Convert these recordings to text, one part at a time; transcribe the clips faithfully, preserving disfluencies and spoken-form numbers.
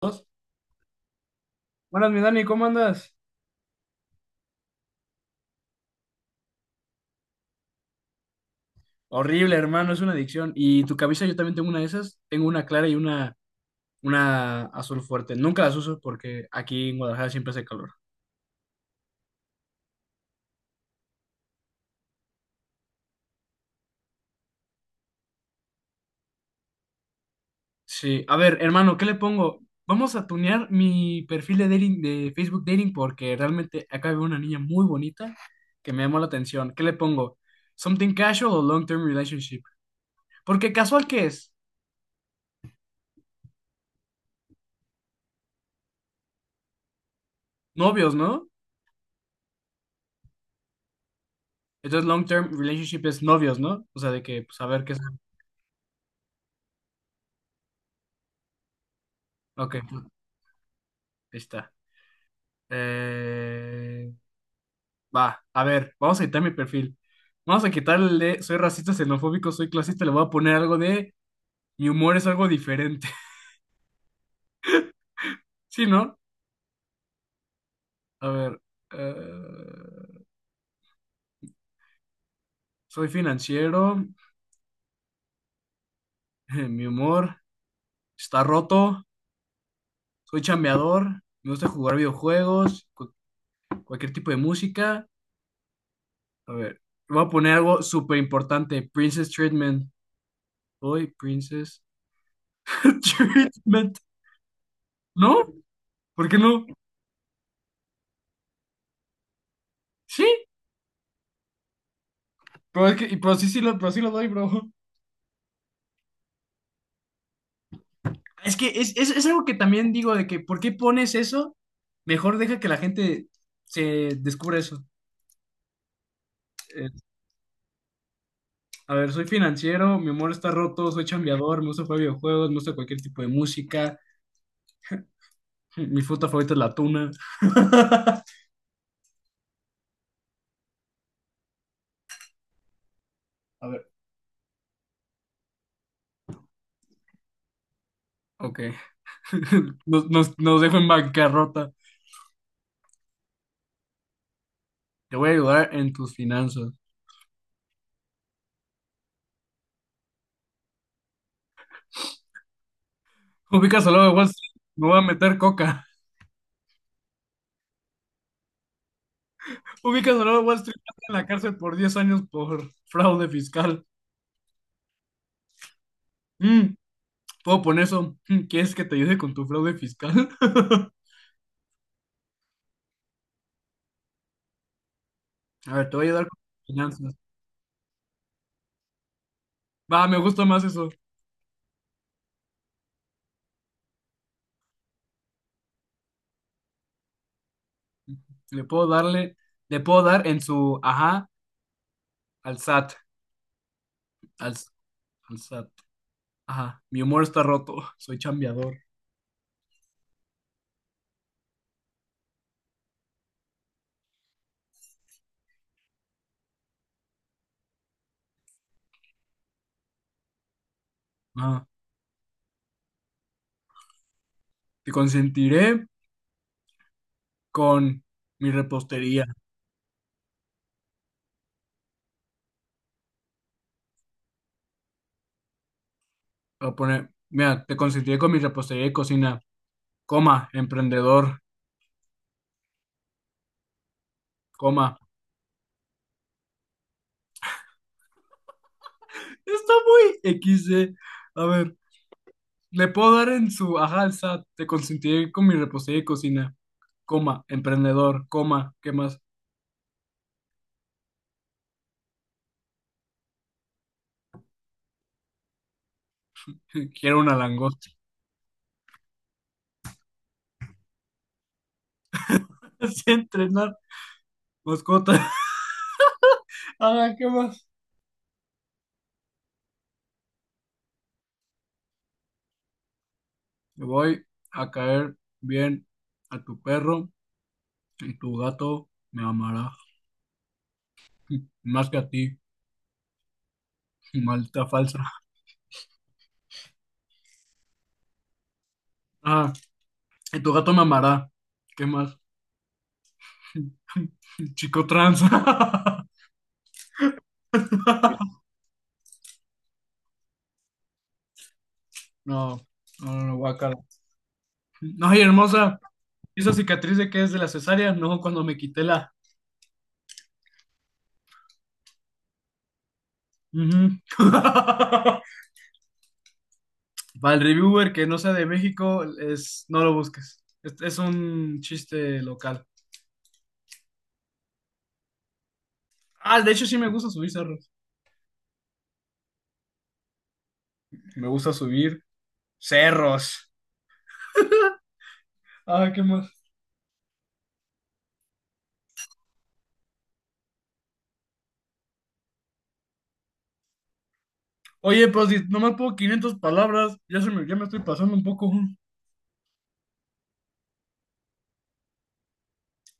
Dos. Buenas, mi Dani, ¿cómo andas? Horrible, hermano, es una adicción. Y tu camisa, yo también tengo una de esas. Tengo una clara y una, una azul fuerte. Nunca las uso porque aquí en Guadalajara siempre hace calor. Sí, a ver, hermano, ¿qué le pongo? Vamos a tunear mi perfil de dating, de Facebook Dating, porque realmente acá veo una niña muy bonita que me llamó la atención. ¿Qué le pongo? ¿Something casual o long-term relationship? Porque casual, ¿qué es? Novios, ¿no? Entonces long-term relationship es novios, ¿no? O sea, de que, pues, a ver qué es. Ok, ahí está. Eh, Va, a ver, vamos a quitar mi perfil. Vamos a quitarle, soy racista, xenofóbico, soy clasista, le voy a poner algo de, mi humor es algo diferente. ¿Sí, no? A ver, eh, soy financiero, mi humor está roto, soy chambeador, me gusta jugar videojuegos, cu- cualquier tipo de música. A ver, voy a poner algo súper importante, Princess Treatment. Soy Princess Treatment. ¿No? ¿Por qué no? Sí. Pero es que, y- pero sí, sí lo, pero sí lo doy, bro. Es que es, es, es algo que también digo de que, ¿por qué pones eso? Mejor deja que la gente se descubra eso. Eh, a ver, soy financiero, mi humor está roto, soy chambeador, me gusta jugar videojuegos, me gusta cualquier tipo de música. Hm, mi fruta favorita es la tuna. A ver, ok. Nos, nos, nos dejo en bancarrota. Te voy a ayudar en tus finanzas. Ubicas al lado de Wall Street, me voy a meter coca. Ubicas al lado de Wall Street, en la cárcel por diez años por fraude fiscal. Mm, Puedo poner eso. Mm, ¿quieres que te ayude con tu fraude fiscal? A ver, te voy a ayudar con tus finanzas. Va, me gusta más eso. Le puedo darle, le puedo dar en su ajá al S A T. Al, al S A T. Ajá. Mi humor está roto. Soy chambeador. Ajá. Te consentiré con mi repostería. Voy a poner, mira, te consentiré con mi repostería de cocina. Coma, emprendedor. Coma. Está muy equis de. A ver. Le puedo dar en su ajá al S A T, te consentiré con mi repostería de cocina, coma, emprendedor, coma, ¿qué más? Quiero una langosta. Sé entrenar, mascota. Ajá, ¿qué más? Le voy a caer bien a tu perro y tu gato me amará, más que a ti, maldita falsa. Ah, y tu gato me amará, ¿qué más? Chico trans. No, no, no, no, guácala. No, y hermosa, ¿esa cicatriz de qué es? ¿De la cesárea? No, cuando me quité la... Ujú. Para el reviewer que no sea de México, es, no lo busques. Es, es un chiste local. Ah, de hecho sí me gusta subir cerros. Me gusta subir cerros. Ah, ¿qué más? Oye, pues si nomás puedo quinientas palabras. Ya, se me, ya me estoy pasando un poco.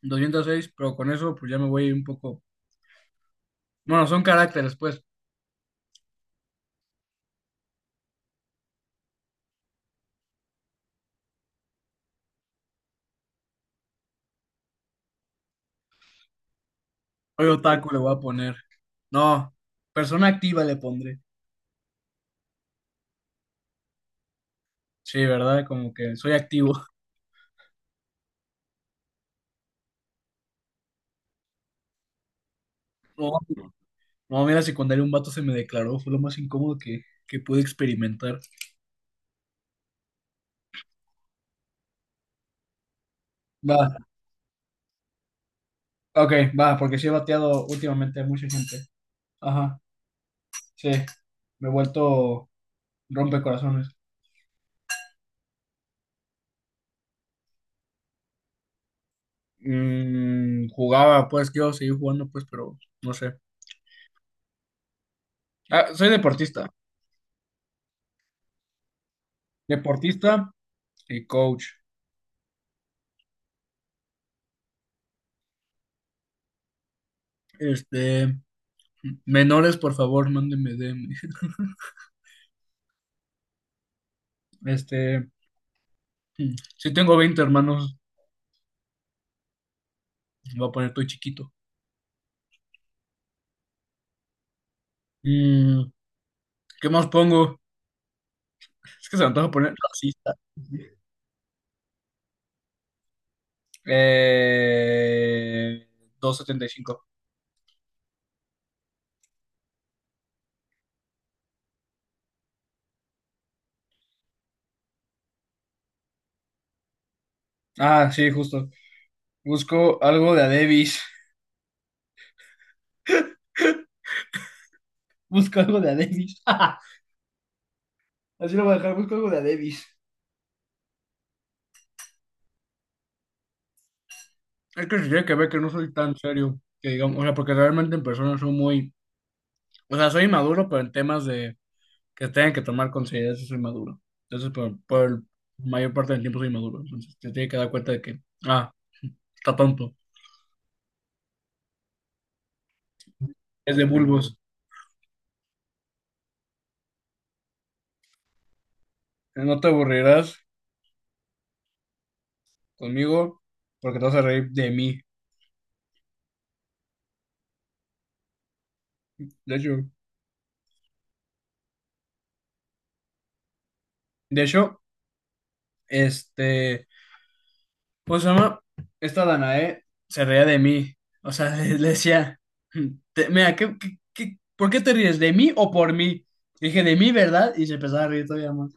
doscientos seis, pero con eso pues ya me voy un poco. Bueno, son caracteres, pues. Hoy otaku le voy a poner. No, persona activa le pondré. Sí, ¿verdad? Como que soy activo. No, no, mira, secundaria un vato se me declaró, fue lo más incómodo que, que pude experimentar. Va, ok, va, porque sí he bateado últimamente a mucha gente. Ajá, sí, me he vuelto rompecorazones. Mm, jugaba, pues, quiero seguir jugando, pues, pero no sé. Ah, soy deportista, deportista y coach. Este, menores, por favor, mándenme D M. Este, si tengo veinte hermanos, me voy a poner todo chiquito. Mm, ¿qué más pongo? Es que se me antoja poner racista. Eh, doscientos setenta y cinco. Ah, sí, justo. Busco algo de a Davis. Busco algo de a Davis. Así lo voy a dejar, busco algo de a Davis. Es que se tiene que ver que no soy tan serio, que digamos, o sea, porque realmente en persona soy muy, o sea, soy inmaduro, pero en temas de que tengan que tomar consideración sí soy maduro. Entonces, por, por mayor parte del tiempo soy maduro. Entonces, te tiene que dar cuenta de que, ah, está tonto, es de bulbos. No te aburrirás conmigo porque te vas a reír de mí. De hecho, de hecho, este, pues, ¿se llama? Esta Danae se reía de mí. O sea, le, le decía, "Te- mira, ¿qué, qué, qué- por qué te ríes? ¿De mí o por mí?". Dije, de mí, ¿verdad? Y se empezaba a reír todavía más.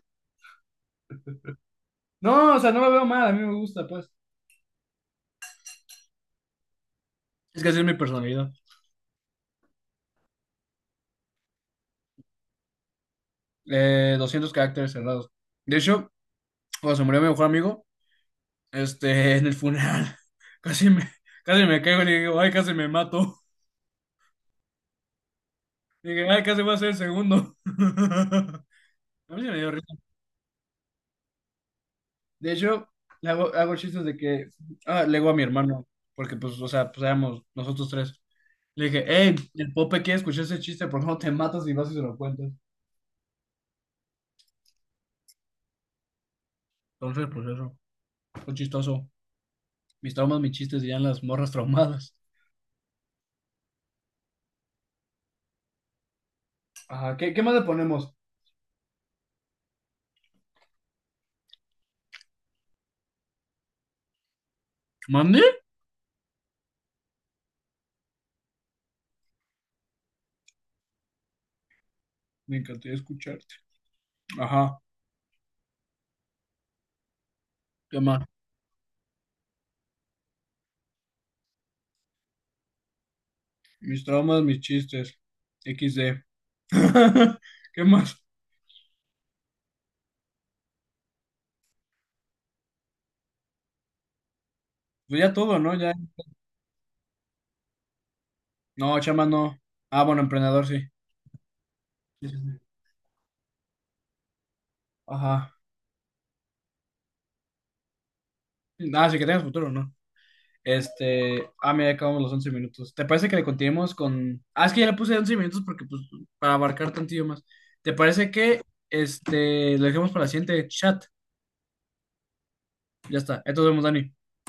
No, o sea, no me veo mal, a mí me gusta, pues. Es que así es mi personalidad. Eh, doscientos caracteres cerrados. De hecho, cuando se murió mi mejor amigo, este, en el funeral, casi me, casi me caigo y le digo, ay, casi me mato. Dije, ay, casi voy a ser el segundo. A mí sí me dio risa. De hecho, le hago, hago chistes de que ah, le digo a mi hermano, porque pues, o sea, pues éramos nosotros tres. Le dije, hey, el Pope quiere escuchar ese chiste, por favor, te matas y vas y se lo cuentas. Entonces, pues eso, fue chistoso. Mis traumas, mis chistes, dirían las morras traumadas. Ajá, ¿qué, qué más le ponemos? ¿Mande? Me encantaría escucharte. Ajá, ¿qué más? Mis traumas, mis chistes. equis de. ¿Qué más? Pues ya todo, ¿no? Ya. No, chama no. Ah, bueno, emprendedor, sí. Sí, sí, sí. Ajá. Nada, sí que tengas futuro, ¿no? Este. Ah, mira, ya acabamos los once minutos. ¿Te parece que le continuemos con? Ah, es que ya le puse once minutos porque, pues, para abarcar tantillo más. ¿Te parece que, este, lo dejemos para la siguiente chat? Ya está. Entonces vemos, Dani.